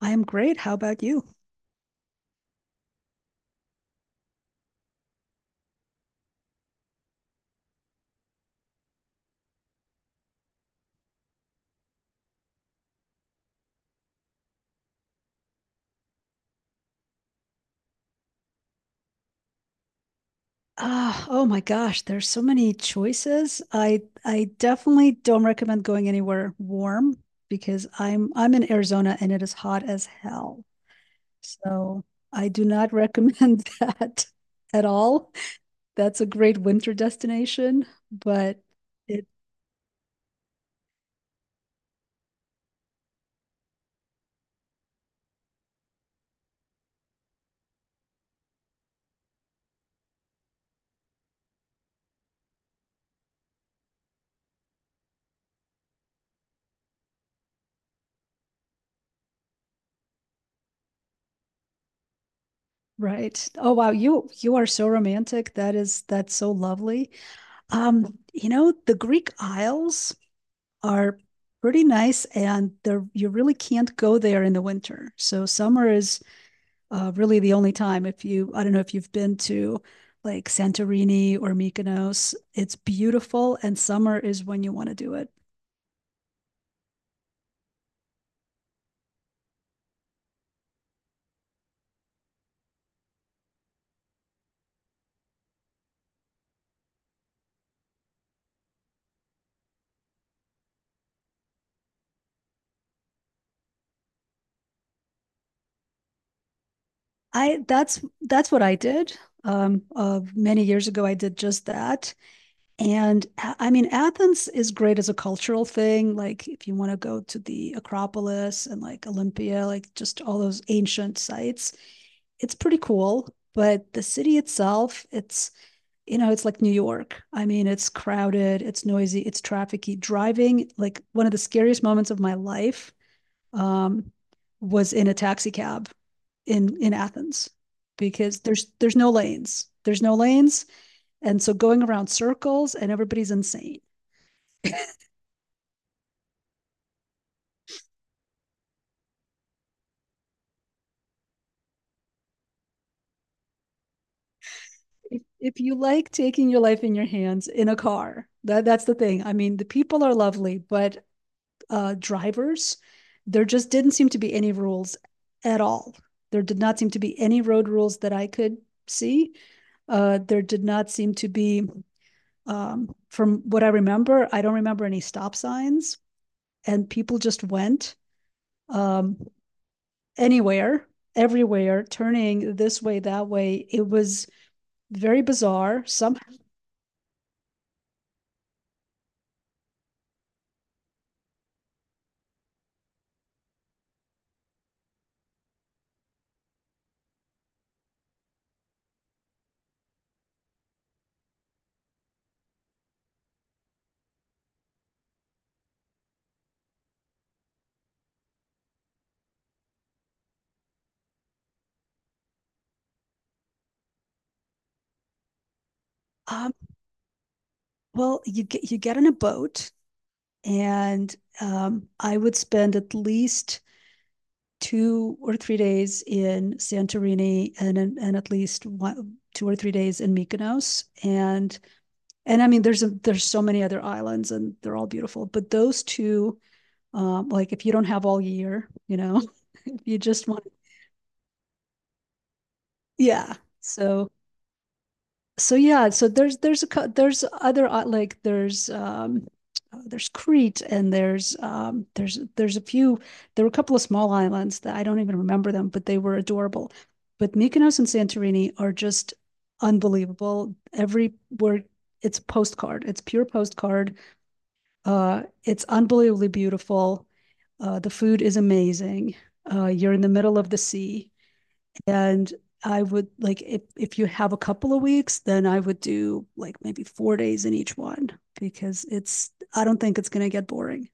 I am great. How about you? Ah, oh my gosh, there's so many choices. I definitely don't recommend going anywhere warm because I'm in Arizona and it is hot as hell. So I do not recommend that at all. That's a great winter destination, but it Right. Oh wow, you are so romantic. That's so lovely. The Greek Isles are pretty nice and they you really can't go there in the winter. So summer is really the only time. If you, I don't know if you've been to like Santorini or Mykonos. It's beautiful, and summer is when you want to do it. I that's what I did. Many years ago I did just that. And I mean, Athens is great as a cultural thing. Like, if you want to go to the Acropolis and like Olympia, like just all those ancient sites, it's pretty cool. But the city itself, it's like New York. I mean, it's crowded, it's noisy, it's trafficy. Driving, like, one of the scariest moments of my life, um, was in a taxi cab in Athens, because there's no lanes. There's no lanes. And so going around circles and everybody's insane. If you like taking your life in your hands in a car, that's the thing. I mean, the people are lovely, but drivers, there just didn't seem to be any rules at all. There did not seem to be any road rules that I could see. There did not seem to be, from what I remember, I don't remember any stop signs, and people just went um, anywhere, everywhere, turning this way, that way. It was very bizarre. Some um, Well, you get in a boat, and I would spend at least 2 or 3 days in Santorini, and at least one, 2 or 3 days in Mykonos, and I mean, there's so many other islands, and they're all beautiful. But those two, like if you don't have all year, you know, if you just want, yeah. So so there's a there's other, there's Crete and there's a few, there were a couple of small islands that I don't even remember them, but they were adorable. But Mykonos and Santorini are just unbelievable. Every word It's a postcard. It's pure postcard. It's unbelievably beautiful. The food is amazing. You're in the middle of the sea. And I would like, if you have a couple of weeks, then I would do like maybe 4 days in each one, because it's I don't think it's going to get boring.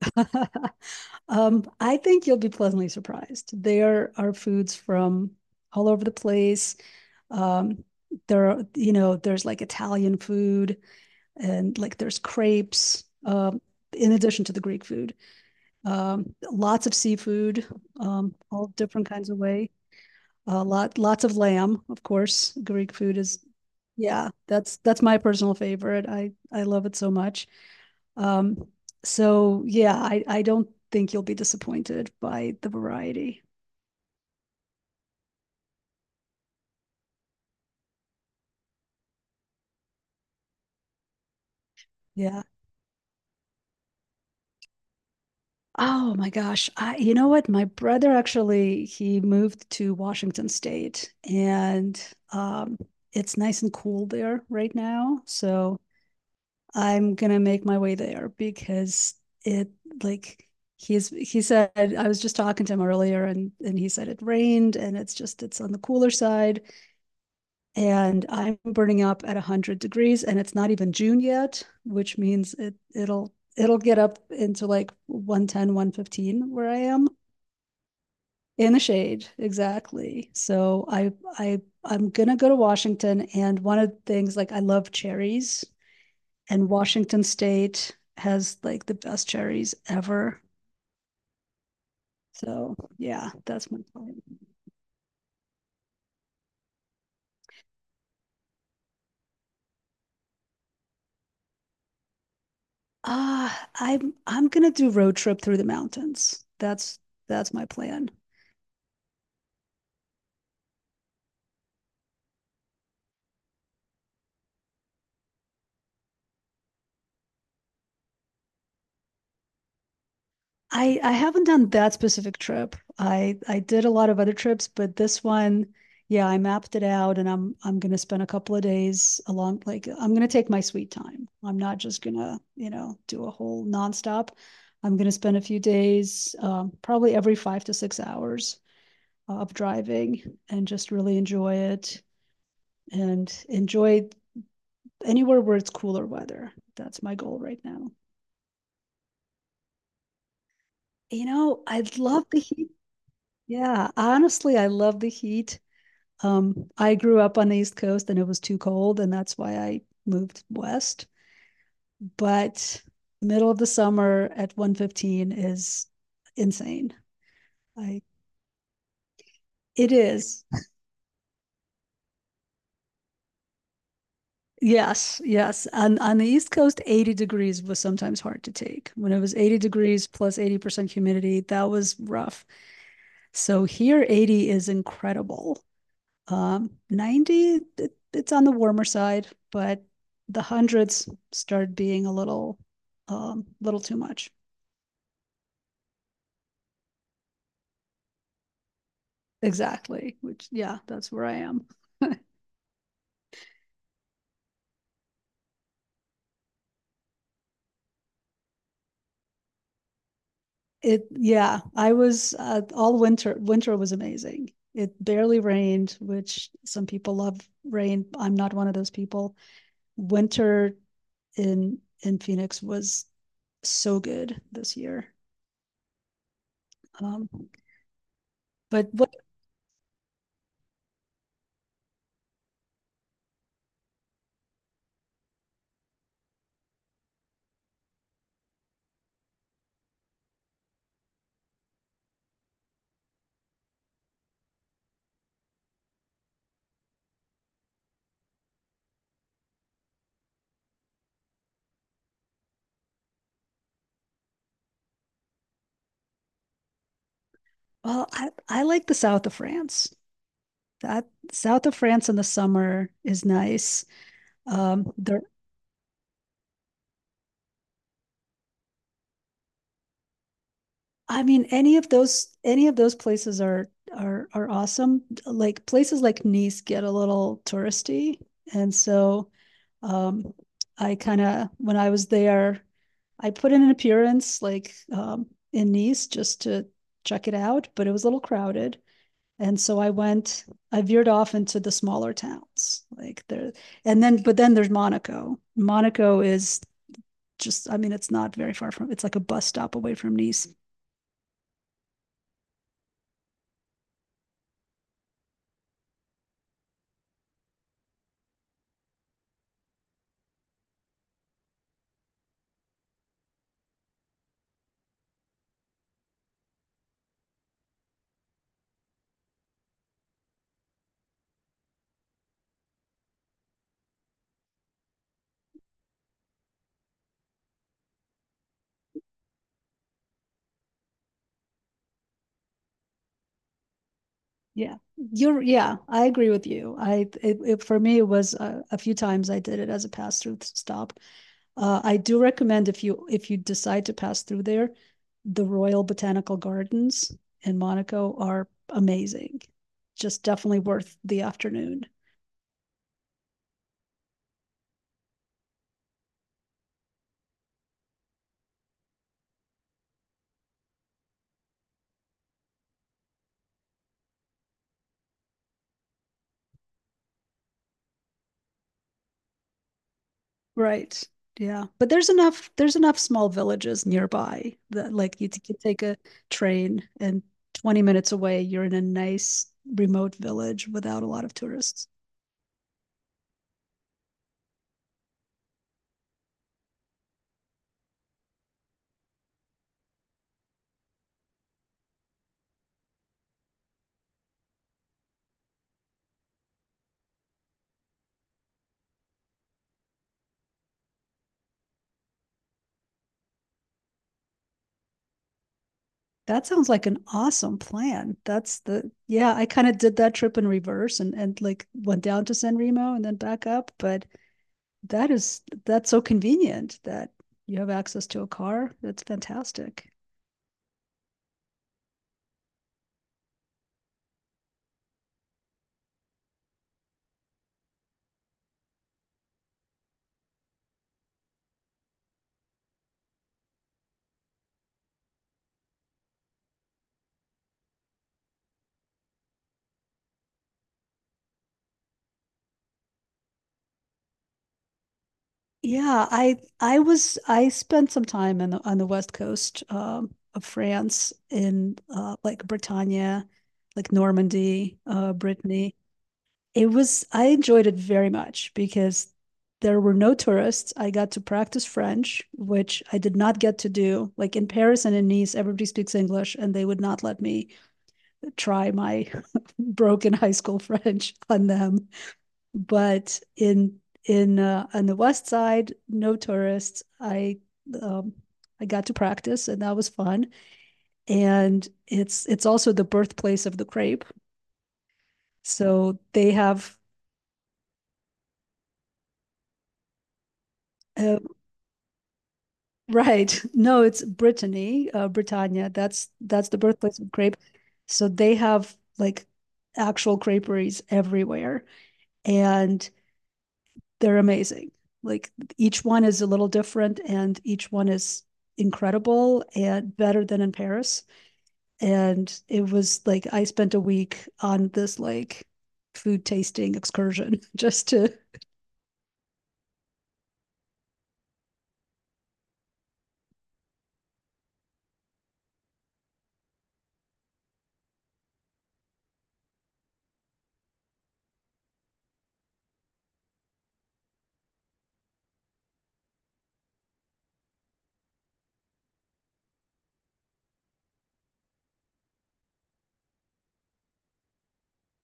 I think you'll be pleasantly surprised. There are foods from all over the place. Um, there, there's like Italian food, and there's crepes. In addition to the Greek food, lots of seafood, all different kinds of way. A lot, lots of lamb, of course. Yeah, that's my personal favorite. I love it so much. Um, so yeah, I don't think you'll be disappointed by the variety. Yeah. Oh my gosh. I, you know what? My brother actually, he moved to Washington State, and um, it's nice and cool there right now. So I'm gonna make my way there because it like he said I was just talking to him earlier, and he said it rained, and it's on the cooler side, and I'm burning up at 100 degrees, and it's not even June yet, which means it'll get up into like 110, 115 where I am. In the shade, exactly. So I'm gonna go to Washington, and one of the things, like, I love cherries, and Washington State has like the best cherries ever. So yeah, that's my plan. Ah, I'm gonna do road trip through the mountains. That's my plan. I haven't done that specific trip. I did a lot of other trips, but this one, yeah, I mapped it out, and I'm gonna spend a couple of days along. Like, I'm gonna take my sweet time. I'm not just gonna, you know, do a whole nonstop. I'm gonna spend a few days, probably every 5 to 6 hours of driving, and just really enjoy it and enjoy anywhere where it's cooler weather. That's my goal right now. You know, I love the heat. Yeah, honestly, I love the heat. I grew up on the East Coast and it was too cold, and that's why I moved west. But middle of the summer at 115 is insane. I It is. Yes, yes. On the East Coast, 80 degrees was sometimes hard to take. When it was 80 degrees plus 80% humidity, that was rough. So here 80 is incredible. 90, it's on the warmer side, but the hundreds started being a little, little too much. Exactly. Which, yeah, that's where I am. Yeah, I was all winter. Winter was amazing. It barely rained, which some people love rain. I'm not one of those people. Winter in Phoenix was so good this year. Um, but what? Well, I like the south of France. That South of France in the summer is nice. Um, there, I mean, any of those places are are awesome. Like places like Nice get a little touristy, and so um, I kind of, when I was there, I put in an appearance like, in Nice, just to check it out, but it was a little crowded. And so I went, I veered off into the smaller towns, like there, and then, but then there's Monaco. Monaco is just, I mean, it's not very far from, it's like a bus stop away from Nice. Yeah, yeah, I agree with you. For me, it was a few times I did it as a pass through stop. I do recommend if if you decide to pass through there, the Royal Botanical Gardens in Monaco are amazing. Just definitely worth the afternoon. Right. Yeah. But there's enough small villages nearby that like could take a train, and 20 minutes away you're in a nice remote village without a lot of tourists. That sounds like an awesome plan. That's the Yeah, I kind of did that trip in reverse, and like went down to San Remo and then back up, but that's so convenient that you have access to a car. That's fantastic. Yeah, I was, I spent some time in on the west coast, of France, in like Bretagne, like Normandy, Brittany. It was I enjoyed it very much because there were no tourists. I got to practice French, which I did not get to do. Like in Paris and in Nice, everybody speaks English, and they would not let me try my broken high school French on them. But in on the west side, no tourists. Um, I got to practice, and that was fun. And it's also the birthplace of the crepe, so they have. Uh, right. No, it's Brittany, Britannia. That's the birthplace of crepe. So they have like actual creperies everywhere. And they're amazing. Like each one is a little different, and each one is incredible and better than in Paris. And it was like I spent a week on this like food tasting excursion just to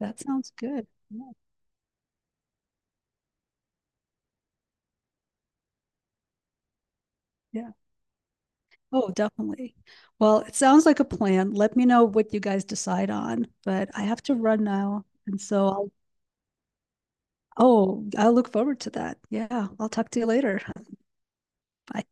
that sounds good. Yeah. Yeah. Oh, definitely. Well, it sounds like a plan. Let me know what you guys decide on, but I have to run now. And so I'll, oh, I look forward to that. Yeah. I'll talk to you later. Bye.